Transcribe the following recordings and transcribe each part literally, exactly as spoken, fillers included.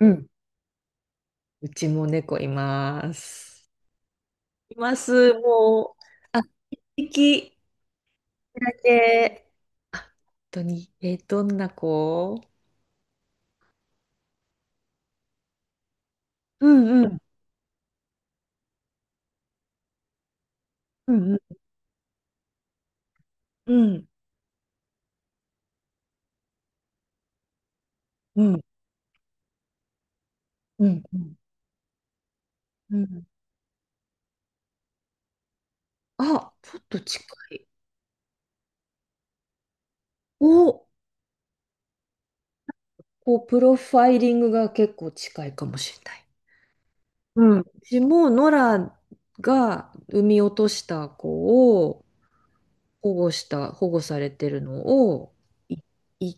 うん。うちも猫います。います。もう、あ、一匹だけ。あ本当に。えー、どんな子？うんうん。うんうんうん、うん、うん。うん、あ、ちょっと近い。お、こう、プロファイリングが結構近いかもしれない。うん。うちも、ノラが産み落とした子を、保護した、保護されてるのを、い、い、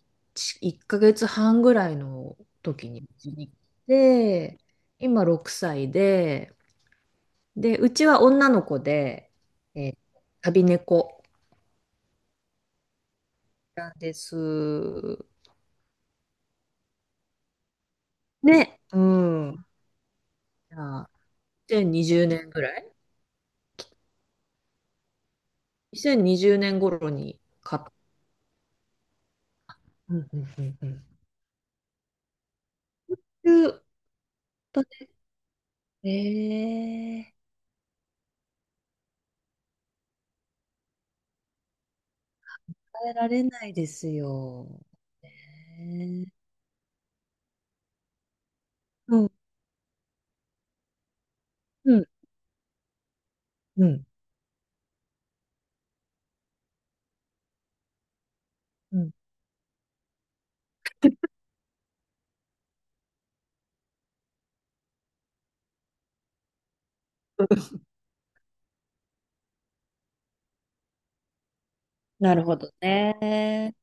いっかげつはんぐらいの時にうちに来て、今ろくさいで、で、うちは女の子で、えー旅猫なんです。ね、うん。じゃあ、にせんにじゅうねんぐらい？ にせんにじゅう 年頃に買った。うんうんうんうん。いうことで、ええ、変えられないですよ。ねえ、うん。うんうん。うん。なるほどね。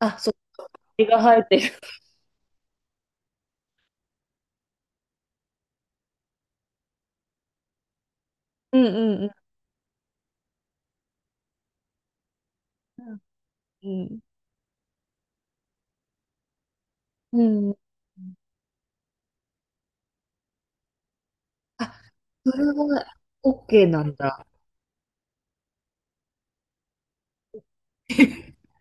あ、そう、毛が生えてる。うんうんうん。うん。うん。あ、それは オーケー なんだ。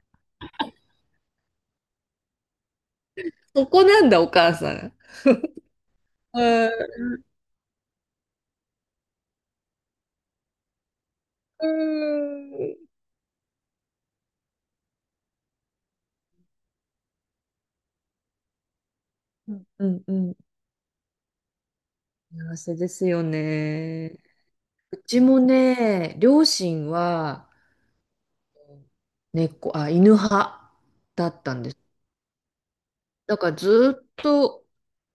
そこなんだ、お母さん。うん。うんうんうん。幸せですよね。うちもね、両親は猫、あ、犬派だったんです。だからずっと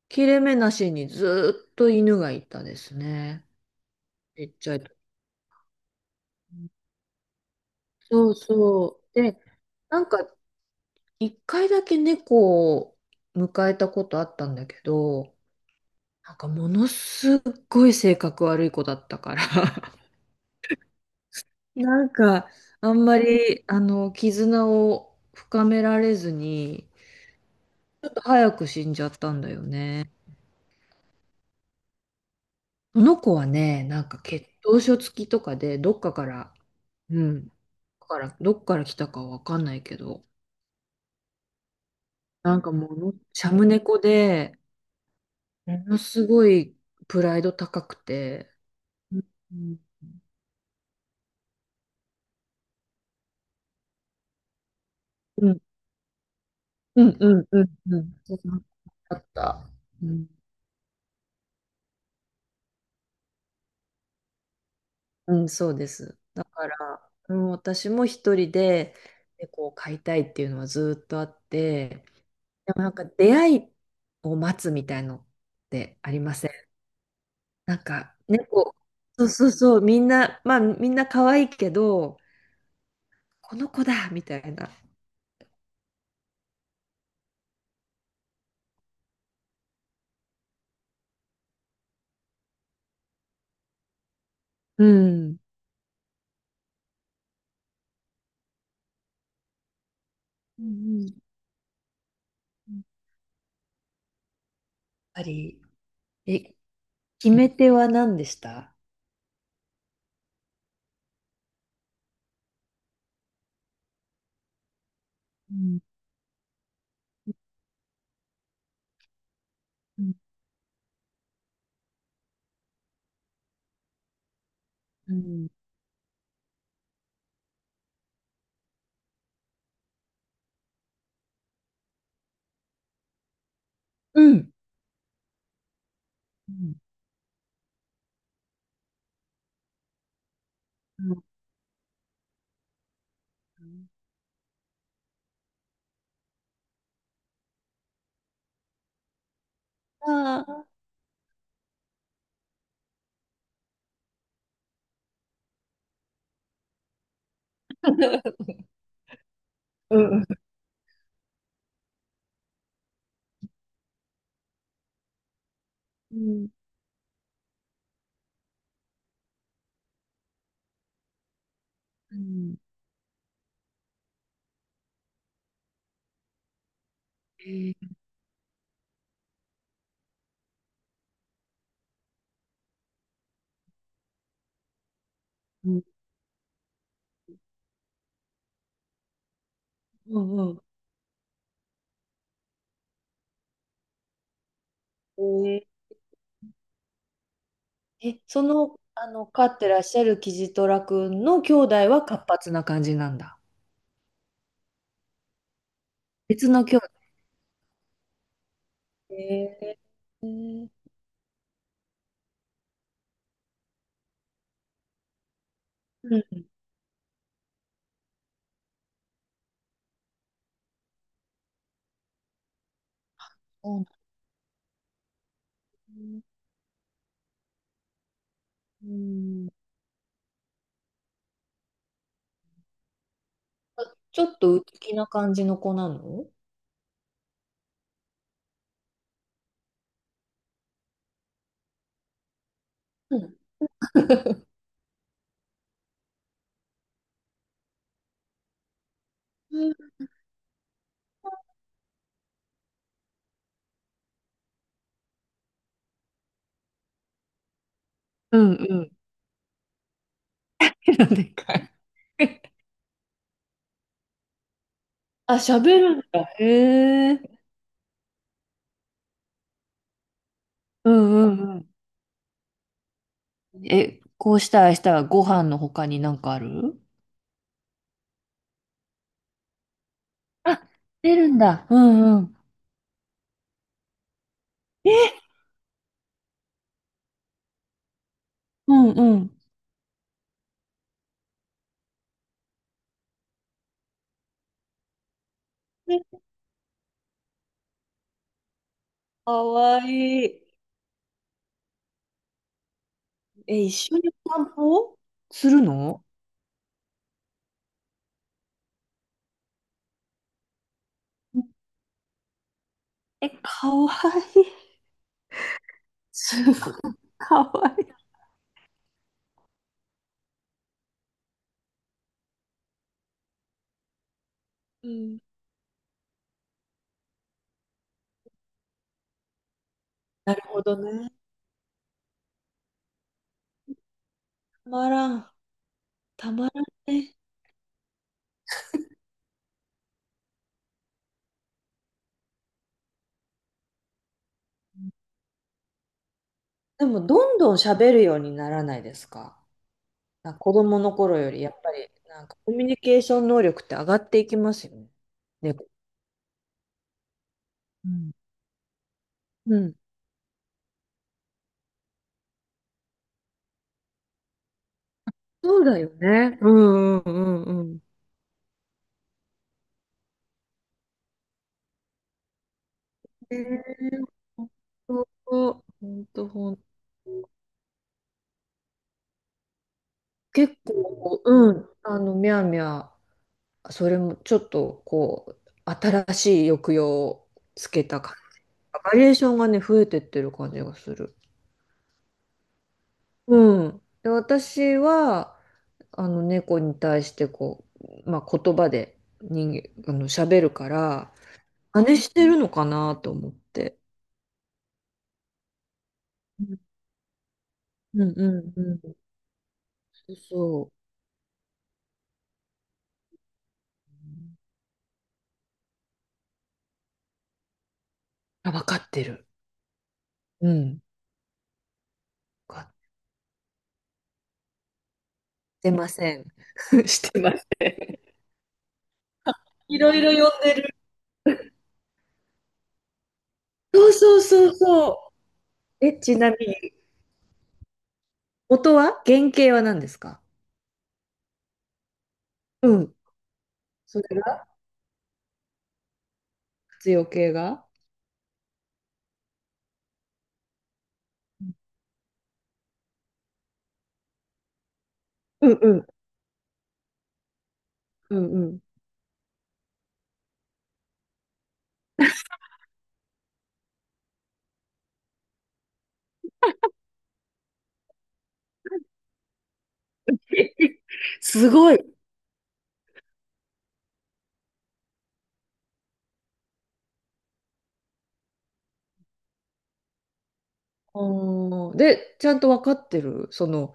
切れ目なしにずっと犬がいたですね。ちっちゃい、そうそう。で、なんか一回だけ猫を迎えたことあったんだけど、なんかものすっごい性格悪い子だったから、なんかあんまりあの絆を深められずに、ちょっと早く死んじゃったんだよね。その子はね、なんか血統書付きとかで、どっかから、うん、だからどっから来たかわかんないけど、なんかもうの、シャム猫で、ものすごいプライド高くて、うんうんうんうんうんうん、あった。うん、うん、そうです。だから、うん、私も一人で猫を飼いたいっていうのはずっとあって、でもなんか出会いを待つみたいのってありません？なんか猫、そうそうそう、みんな、まあみんな可愛いけど、この子だみたいな。うん。やっうんやっぱり、え、決め手は何でした？うん、うん、うん、うん。うん、うん、ああ、うんうんうん、うん、えー、うんうんうん、えー、え、その、あの、飼ってらっしゃるキジトラ君の兄弟は活発な感じなんだ。別の兄弟。えー、うん、そうなんだ。うん、あ、ちょっと内気な感じの子なの？うん。うん、うんうん。なんでかい。あ、喋るんだ。へえ。うんうんうん。え、こうしたらしたらご飯の他になんかある？あ、出るんだ。うんうん。え、うんうん。かわいい。え、一緒にお散歩するの？え、かわいい。すごい、かわいい。うん。なるほどね。たまらん。たまらんね。でも、どんどん喋るようにならないですか？なんか子供の頃より、やっぱり、なんかコミュニケーション能力って上がっていきますよね。猫。うん。そうだよね。うんうんうんうん。えー、ほんと、ほほんと。結構、うん、あの、みゃーみゃー、それもちょっと、こう、新しい抑揚をつけた感じ。バリエーションがね、増えてってる感じがする。うん。で、私は、あの、猫に対して、こう、まあ、言葉で人間、あの、喋るから、真似してるのかなと思って。うんうんうんうん。そうそう。あ、わかってる。うん。わかしてません。してません。いろいろ読んでる。そうそうそうそう。え、ちなみに、元は原型は何ですか？うん。それが活用形が、うんうん。うんうん。すごい。おー、で、ちゃんと分かってる。その、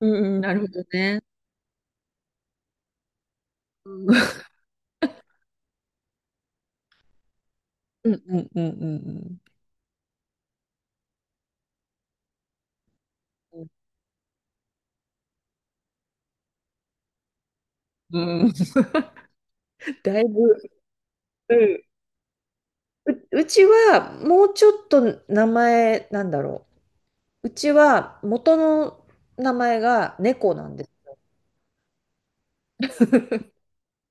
うんうん、なるほどね。うんうんうんうんうんうん。だいぶ、うん、ううちはもうちょっと名前なんだろう。うちは元の名前が猫なんです。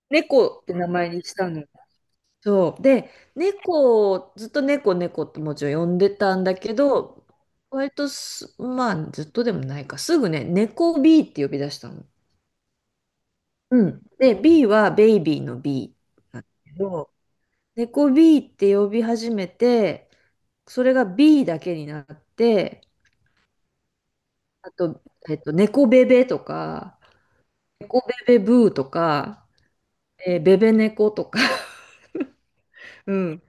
猫って名前にしたの。そう。で、猫を、ずっと猫猫ってもちろん呼んでたんだけど、割とす、まあずっとでもないか、すぐね、猫 B って呼び出したの。うん。で、ビーはベイビーのビー なんだけど、ねこビー って呼び始めて、それが B だけになって、あと、えっと、猫ベベとか、猫ベベブーとか、えー、ベベ猫とか、うん、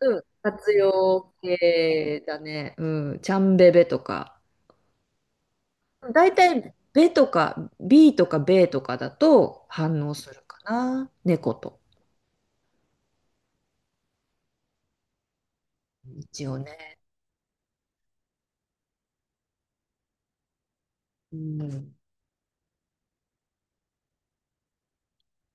うん、活用系だね、うん、ちゃんベベとか、大体、ベとか、ビーとかベとかだと反応するかな、猫と、一応ね。うん